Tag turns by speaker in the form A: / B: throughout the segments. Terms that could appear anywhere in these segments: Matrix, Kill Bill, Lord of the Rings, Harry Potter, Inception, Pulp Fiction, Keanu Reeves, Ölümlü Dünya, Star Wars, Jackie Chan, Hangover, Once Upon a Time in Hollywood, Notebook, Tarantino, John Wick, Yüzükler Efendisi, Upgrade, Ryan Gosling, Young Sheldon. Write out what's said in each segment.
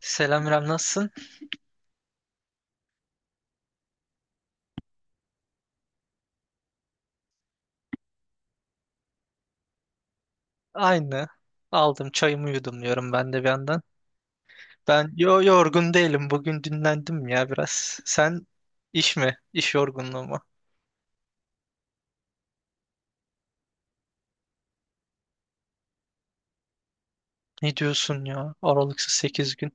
A: Selam İrem, nasılsın? Aynı. Aldım çayımı, yudum diyorum ben de bir yandan. Ben yorgun değilim. Bugün dinlendim ya biraz. Sen iş mi? İş yorgunluğu mu? Ne diyorsun ya? Aralıksız 8 gün.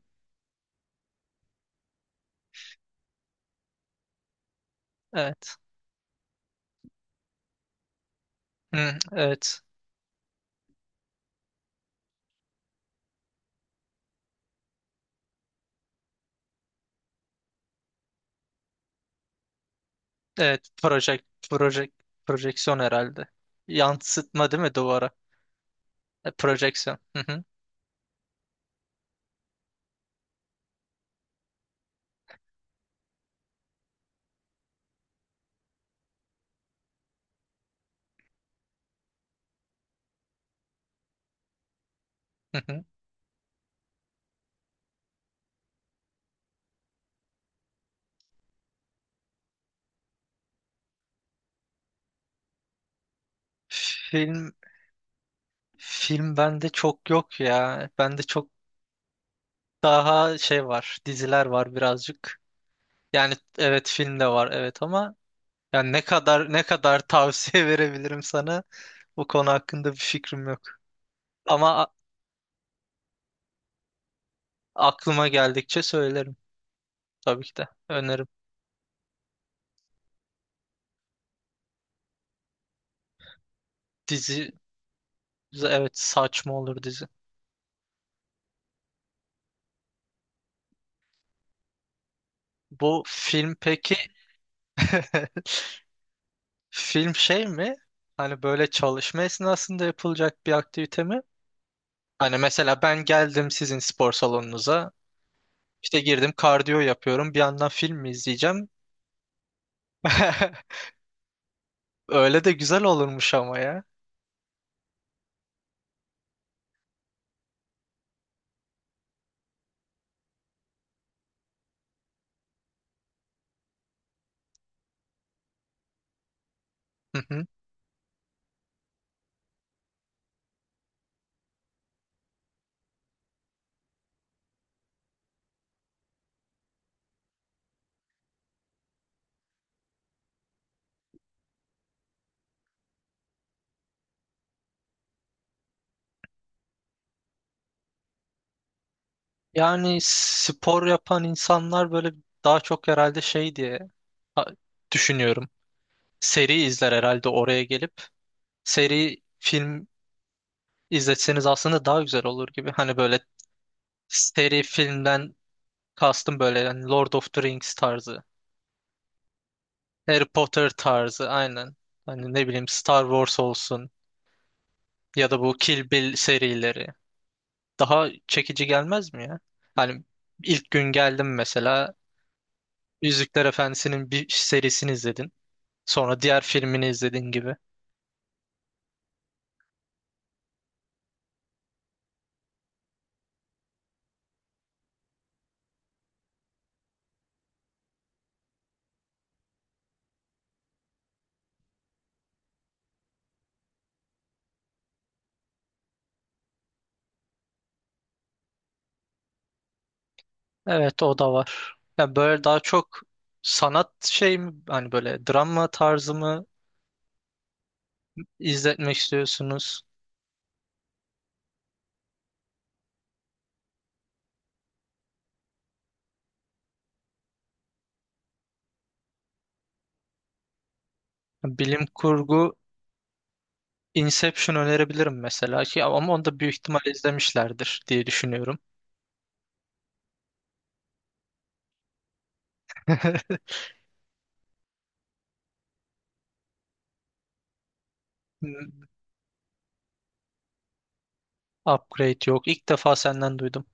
A: Evet. Hı, evet. Evet. Project, Projeksiyon herhalde. Yansıtma değil mi duvara? E, projeksiyon. Hı hı, hı hı. Film, film bende çok yok ya. Bende çok daha şey var. Diziler var birazcık. Yani evet, film de var evet, ama yani ne kadar tavsiye verebilirim sana? Bu konu hakkında bir fikrim yok. Ama aklıma geldikçe söylerim, tabii ki de öneririm. Dizi evet, saçma olur dizi. Bu film peki, film şey mi? Hani böyle çalışma esnasında yapılacak bir aktivite mi? Hani mesela ben geldim sizin spor salonunuza, işte girdim, kardiyo yapıyorum, bir yandan film mi izleyeceğim? Öyle de güzel olurmuş ama ya. Hı hı. Yani spor yapan insanlar böyle daha çok herhalde şey diye ha- düşünüyorum. Seri izler herhalde oraya gelip. Seri film izletseniz aslında daha güzel olur gibi. Hani böyle seri filmden kastım böyle, yani Lord of the Rings tarzı. Harry Potter tarzı aynen. Hani ne bileyim Star Wars olsun, ya da bu Kill Bill serileri. Daha çekici gelmez mi ya? Hani ilk gün geldim mesela, Yüzükler Efendisi'nin bir serisini izledin. Sonra diğer filmini izledin gibi. Evet, o da var. Ya böyle daha çok sanat şey mi? Hani böyle drama tarzı mı izletmek istiyorsunuz? Bilim kurgu, Inception önerebilirim mesela ki, ama onu da büyük ihtimal izlemişlerdir diye düşünüyorum. Hmm, Upgrade yok. İlk defa senden duydum.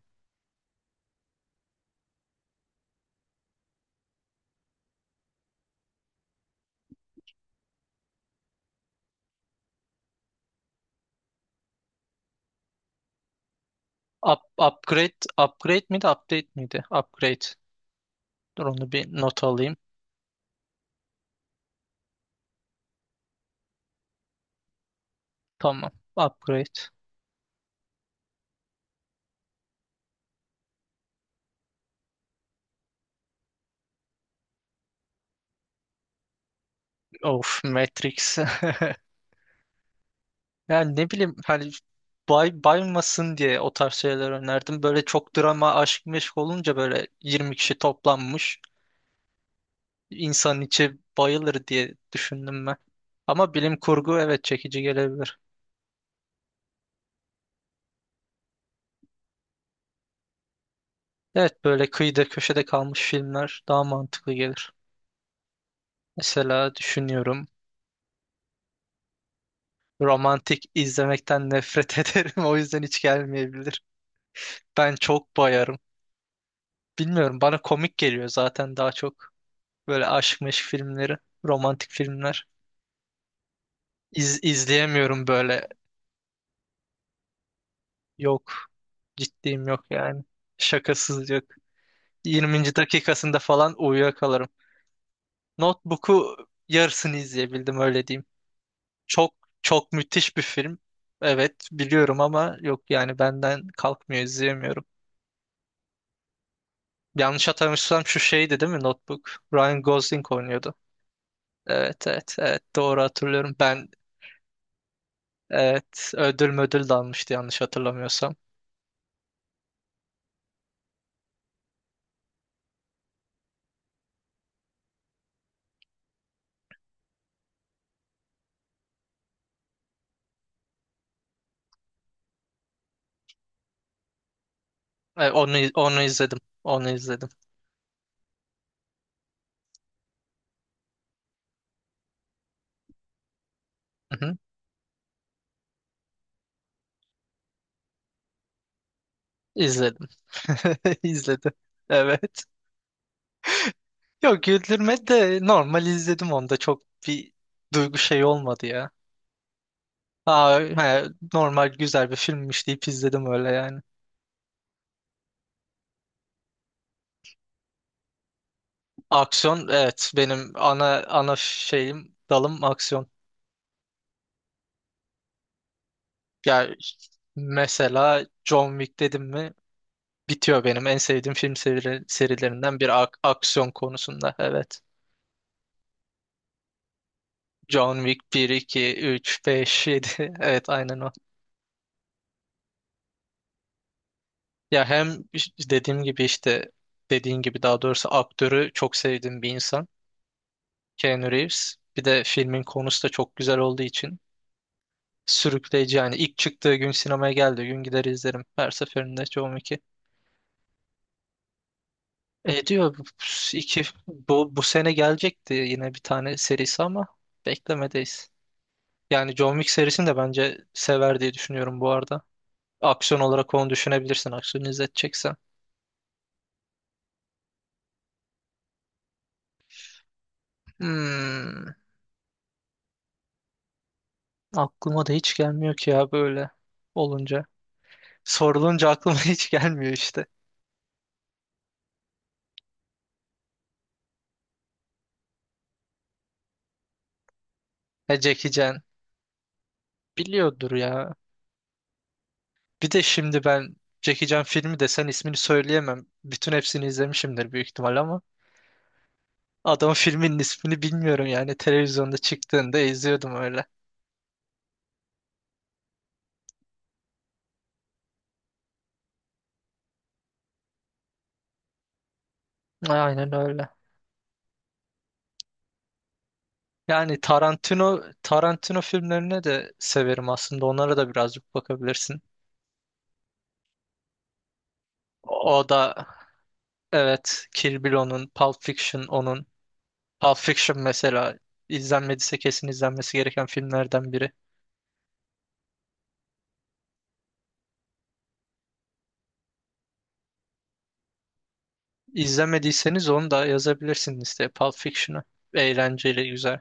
A: Up, upgrade, Upgrade miydi, update miydi? Upgrade. Dur onu bir not alayım. Tamam. Upgrade. Of, Matrix. Yani ne bileyim hani baymasın diye o tarz şeyler önerdim. Böyle çok drama aşk meşk olunca böyle 20 kişi toplanmış. İnsanın içi bayılır diye düşündüm ben. Ama bilim kurgu evet, çekici gelebilir. Evet, böyle kıyıda köşede kalmış filmler daha mantıklı gelir. Mesela düşünüyorum, romantik izlemekten nefret ederim, o yüzden hiç gelmeyebilir. Ben çok bayarım. Bilmiyorum, bana komik geliyor zaten daha çok. Böyle aşk meşk filmleri, romantik filmler. İzleyemiyorum böyle, yok, ciddiyim yok yani. Şakasız yok. 20. dakikasında falan uyuyakalırım. Notebook'u yarısını izleyebildim, öyle diyeyim. Çok çok müthiş bir film. Evet biliyorum ama yok yani, benden kalkmıyor, izleyemiyorum. Yanlış hatırlamıyorsam şu şeydi değil mi Notebook? Ryan Gosling oynuyordu. Evet, evet, evet, doğru hatırlıyorum. Evet, ödül de almıştı yanlış hatırlamıyorsam. E, onu izledim. Onu izledim. Hı hı, izledim. İzledim. Evet. Yok, güldürme de normal izledim, onda çok bir duygu şey olmadı ya. Aa, he, normal güzel bir filmmiş deyip izledim öyle yani. Aksiyon evet, benim ana şeyim, dalım aksiyon. Yani mesela John Wick dedim mi bitiyor, benim en sevdiğim film serilerinden bir, aksiyon konusunda evet. John Wick bir, iki, üç, beş, yedi, evet aynen o. Ya hem dediğim gibi işte, dediğin gibi daha doğrusu, aktörü çok sevdiğim bir insan Keanu Reeves. Bir de filmin konusu da çok güzel olduğu için. Sürükleyici yani. İlk çıktığı gün, sinemaya geldiği gün gider izlerim. Her seferinde. Çoğum iki. E diyor iki, bu sene gelecekti yine bir tane serisi ama beklemedeyiz. Yani John Wick serisini de bence sever diye düşünüyorum bu arada. Aksiyon olarak onu düşünebilirsin, aksiyon izleteceksen. Hmm, aklıma da hiç gelmiyor ki ya, böyle olunca. Sorulunca aklıma hiç gelmiyor işte. E, Jackie Chan biliyordur ya. Bir de şimdi ben, Jackie Chan filmi desen ismini söyleyemem. Bütün hepsini izlemişimdir büyük ihtimal ama adamın filminin ismini bilmiyorum yani. Televizyonda çıktığında izliyordum öyle. Aynen öyle. Yani Tarantino filmlerini de severim aslında. Onlara da birazcık bakabilirsin. O da evet, Kill Bill onun, Pulp Fiction onun. Pulp Fiction mesela, izlenmediyse kesin izlenmesi gereken filmlerden biri. İzlemediyseniz onu da yazabilirsiniz listeye, Pulp Fiction'ı. Eğlenceli, güzel.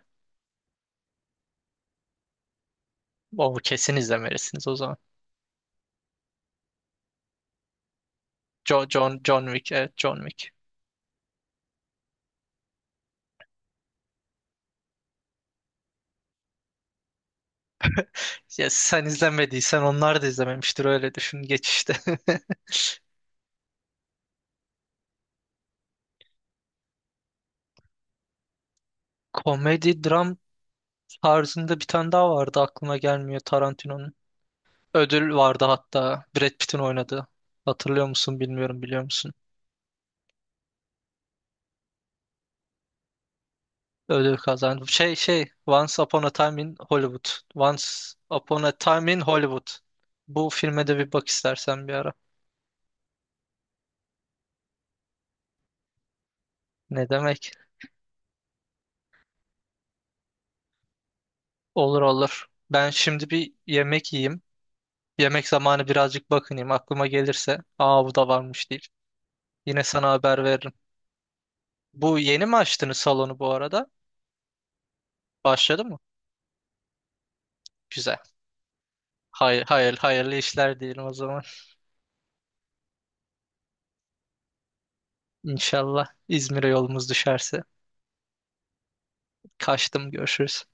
A: O kesin izlemelisiniz o zaman. John Wick, evet, John Wick. Ya sen izlemediysen onlar da izlememiştir, öyle düşün geç işte. Komedi, dram tarzında bir tane daha vardı, aklıma gelmiyor, Tarantino'nun. Ödül vardı hatta, Brad Pitt'in oynadığı. Hatırlıyor musun, bilmiyorum, biliyor musun? Ödül kazandı. Şey Once Upon a Time in Hollywood. Once Upon a Time in Hollywood. Bu filme de bir bak istersen bir ara. Ne demek? Olur, olur. Ben şimdi bir yemek yiyeyim. Yemek zamanı, birazcık bakınayım. Aklıma gelirse, aa, bu da varmış deyip yine sana haber veririm. Bu yeni mi açtınız salonu bu arada? Başladı mı? Güzel. Hayır, hayır, hayırlı işler diyelim o zaman. İnşallah İzmir'e yolumuz düşerse. Kaçtım, görüşürüz.